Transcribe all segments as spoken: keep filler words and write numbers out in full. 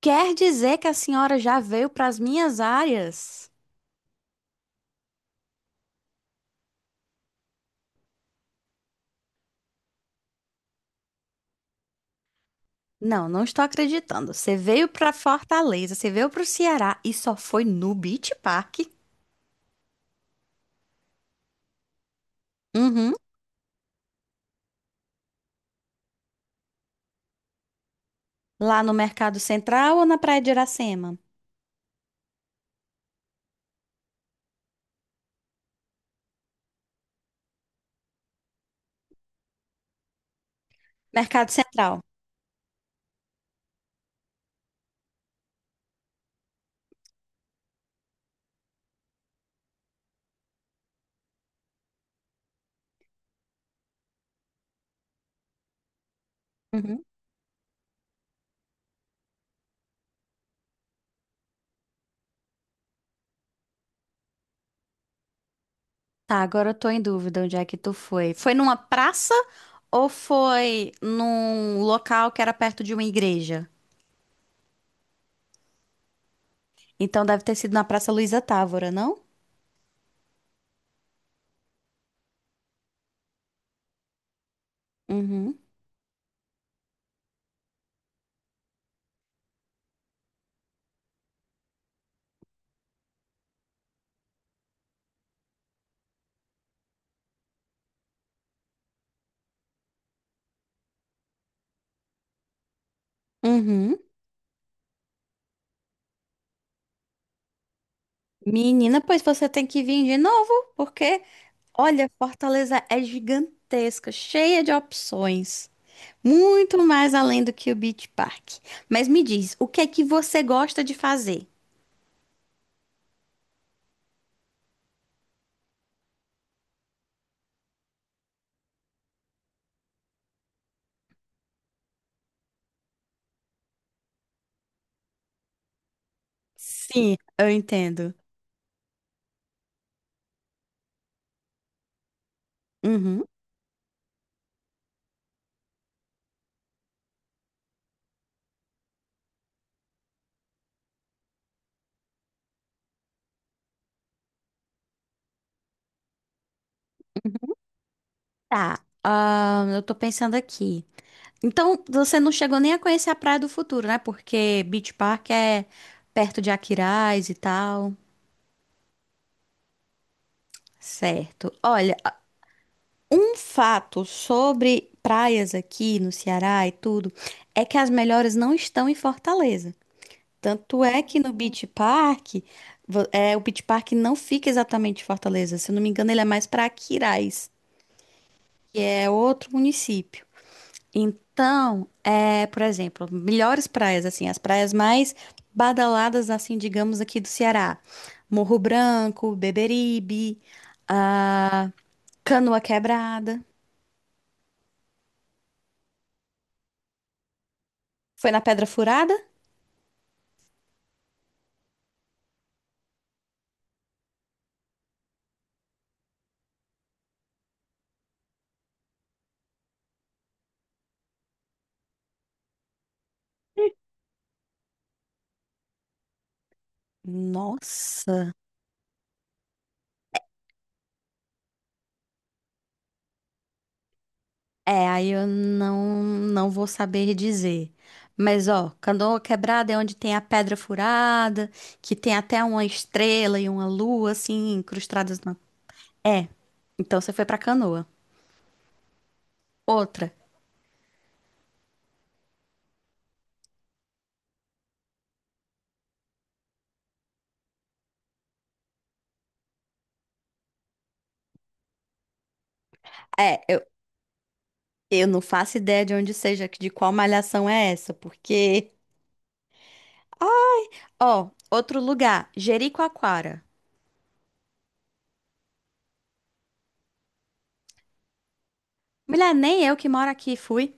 Quer dizer que a senhora já veio para as minhas áreas? Não, não estou acreditando. Você veio para Fortaleza, você veio para o Ceará e só foi no Beach Park? Uhum. Lá no Mercado Central ou na Praia de Iracema? Mercado Central. Uhum. Tá, agora eu tô em dúvida onde é que tu foi. Foi numa praça ou foi num local que era perto de uma igreja? Então deve ter sido na Praça Luísa Távora, não? Uhum. Uhum. Menina, pois você tem que vir de novo, porque olha, Fortaleza é gigantesca, cheia de opções. Muito mais além do que o Beach Park. Mas me diz, o que é que você gosta de fazer? Sim, eu entendo. Uhum. Tá, ah, eu tô pensando aqui. Então, você não chegou nem a conhecer a Praia do Futuro, né? Porque Beach Park é perto de Aquiraz e tal. Certo. Olha, um fato sobre praias aqui no Ceará e tudo é que as melhores não estão em Fortaleza. Tanto é que no Beach Park, vo- é, o Beach Park não fica exatamente em Fortaleza. Se eu não me engano, ele é mais para Aquiraz, que é outro município. Então, é, por exemplo, melhores praias, assim, as praias mais badaladas, assim, digamos, aqui do Ceará. Morro Branco, Beberibe, a Canoa Quebrada. Foi na Pedra Furada? Nossa, é, aí eu não não vou saber dizer. Mas ó, Canoa Quebrada é onde tem a pedra furada, que tem até uma estrela e uma lua assim incrustadas na. É, então você foi pra Canoa. Outra. É, eu, eu não faço ideia de onde seja, de qual malhação é essa, porque ó, outro lugar, Jericoacoara. Mulher, nem eu que moro aqui fui.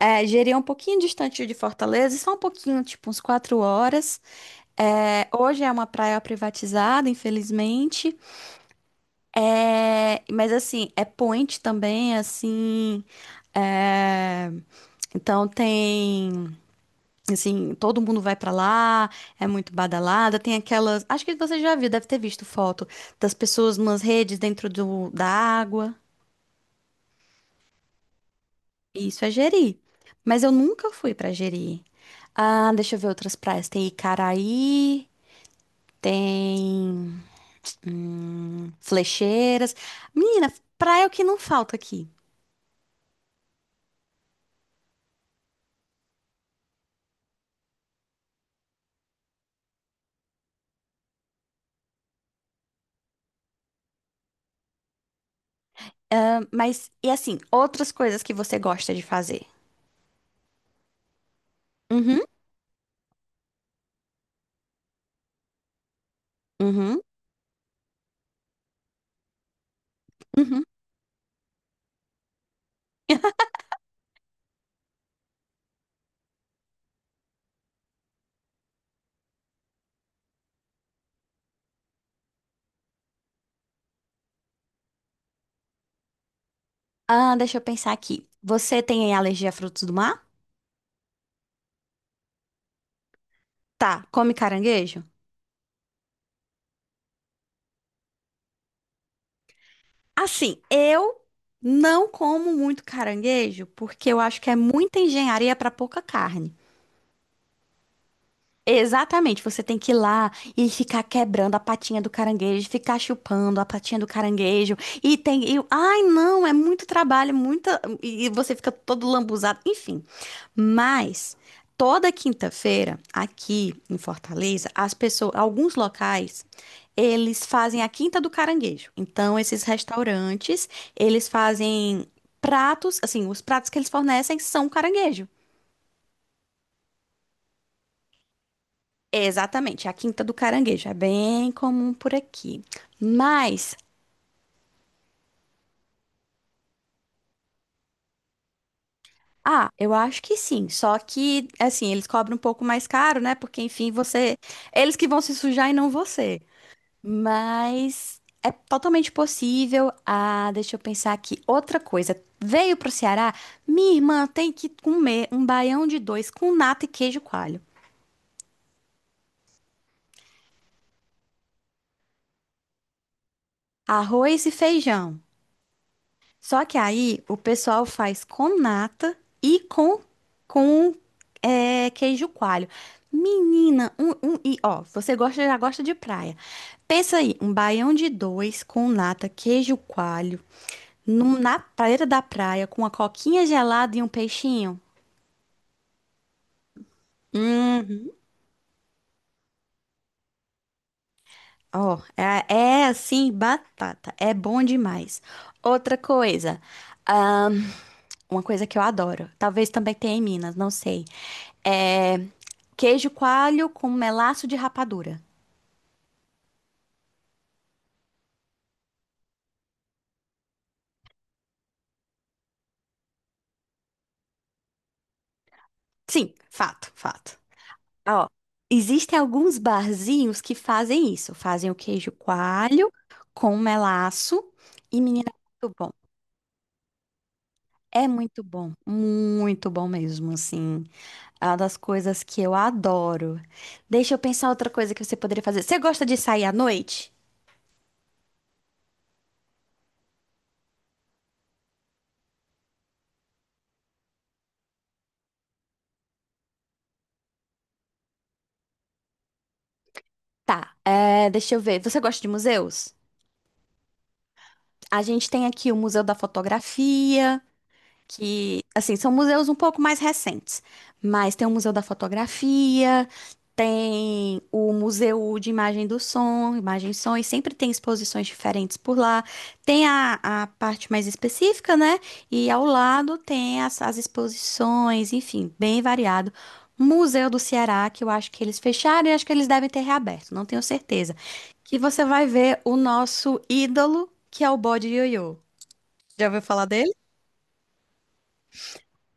É, Jeri é um pouquinho distante de Fortaleza, só um pouquinho, tipo uns quatro horas. É, hoje é uma praia privatizada, infelizmente. É, mas assim, é point também, assim. É, então tem, assim, todo mundo vai pra lá, é muito badalada. Tem aquelas, acho que você já viu, deve ter visto foto das pessoas nas redes dentro do, da água. Isso é Jeri. Mas eu nunca fui pra Jeri. Ah, deixa eu ver outras praias. Tem Icaraí, tem hum, flecheiras. Menina, praia é o que não falta aqui. Ah, mas, e assim, outras coisas que você gosta de fazer? Uhum, uhum, uhum. Ah, deixa eu pensar aqui. Você tem alergia a frutos do mar? Tá, come caranguejo? Assim, eu não como muito caranguejo porque eu acho que é muita engenharia pra pouca carne. Exatamente, você tem que ir lá e ficar quebrando a patinha do caranguejo, ficar chupando a patinha do caranguejo, e tem, e- ai não, é muito trabalho, muita, e e você fica todo lambuzado, enfim. Mas toda quinta-feira aqui em Fortaleza, as pessoas, alguns locais, eles fazem a Quinta do Caranguejo. Então esses restaurantes, eles fazem pratos, assim, os pratos que eles fornecem são caranguejo. Exatamente, é a Quinta do Caranguejo é bem comum por aqui. Mas, ah, eu acho que sim, só que assim, eles cobram um pouco mais caro, né? Porque enfim, você, eles que vão se sujar e não você. Mas é totalmente possível. Ah, deixa eu pensar aqui. Outra coisa, veio pro Ceará, minha irmã tem que comer um baião de dois com nata e queijo coalho, arroz e feijão. Só que aí o pessoal faz com nata e com com é, queijo coalho. Menina, um, um- e ó, você gosta já gosta de praia. Pensa aí, um baião de dois com nata, queijo coalho, num- na praia da praia com uma coquinha gelada e um peixinho. Hum, ó, é, é assim, batata, é bom demais. Outra coisa, ahn, uma coisa que eu adoro, talvez também tenha em Minas, não sei. É queijo coalho com melaço de rapadura. Sim, fato, fato. Ah, ó, existem alguns barzinhos que fazem isso. Fazem o queijo coalho com melaço. E, menina, é muito bom. É muito bom. Muito bom mesmo, assim. É uma das coisas que eu adoro. Deixa eu pensar outra coisa que você poderia fazer. Você gosta de sair à noite? Tá, é, deixa eu ver. Você gosta de museus? A gente tem aqui o Museu da Fotografia, que, assim, são museus um pouco mais recentes, mas tem o Museu da Fotografia, tem o Museu de Imagem do Som, Imagem e Som, e sempre tem exposições diferentes por lá. Tem a, a parte mais específica, né? E ao lado tem as, as exposições, enfim, bem variado. Museu do Ceará, que eu acho que eles fecharam e acho que eles devem ter reaberto, não tenho certeza. Que você vai ver o nosso ídolo, que é o Bode Ioiô. Já ouviu falar?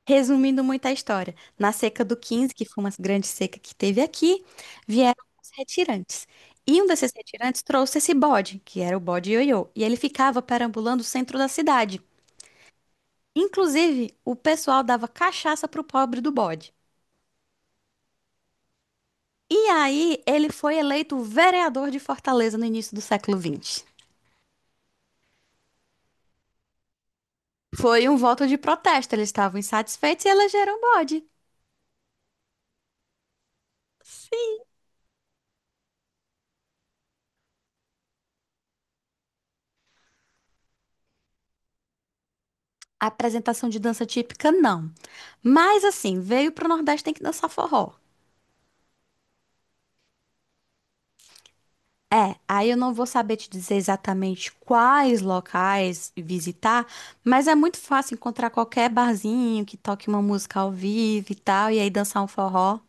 Resumindo muito a história, na seca do quinze, que foi uma grande seca que teve aqui, vieram os retirantes. E um desses retirantes trouxe esse bode, que era o bode ioiô, e ele ficava perambulando o centro da cidade. Inclusive, o pessoal dava cachaça pro pobre do bode. E aí, ele foi eleito vereador de Fortaleza no início do século vinte. Foi um voto de protesto, eles estavam insatisfeitos e elegeram o bode. Apresentação de dança típica, não. Mas assim, veio pro Nordeste tem que dançar forró. É, aí eu não vou saber te dizer exatamente quais locais visitar, mas é muito fácil encontrar qualquer barzinho que toque uma música ao vivo e tal, e aí dançar um forró.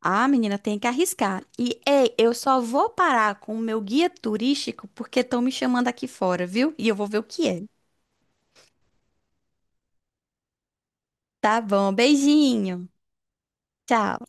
Ah, menina, tem que arriscar. E, ei, eu só vou parar com o meu guia turístico porque estão me chamando aqui fora, viu? E eu vou ver o que é. Tá bom, beijinho. Tchau.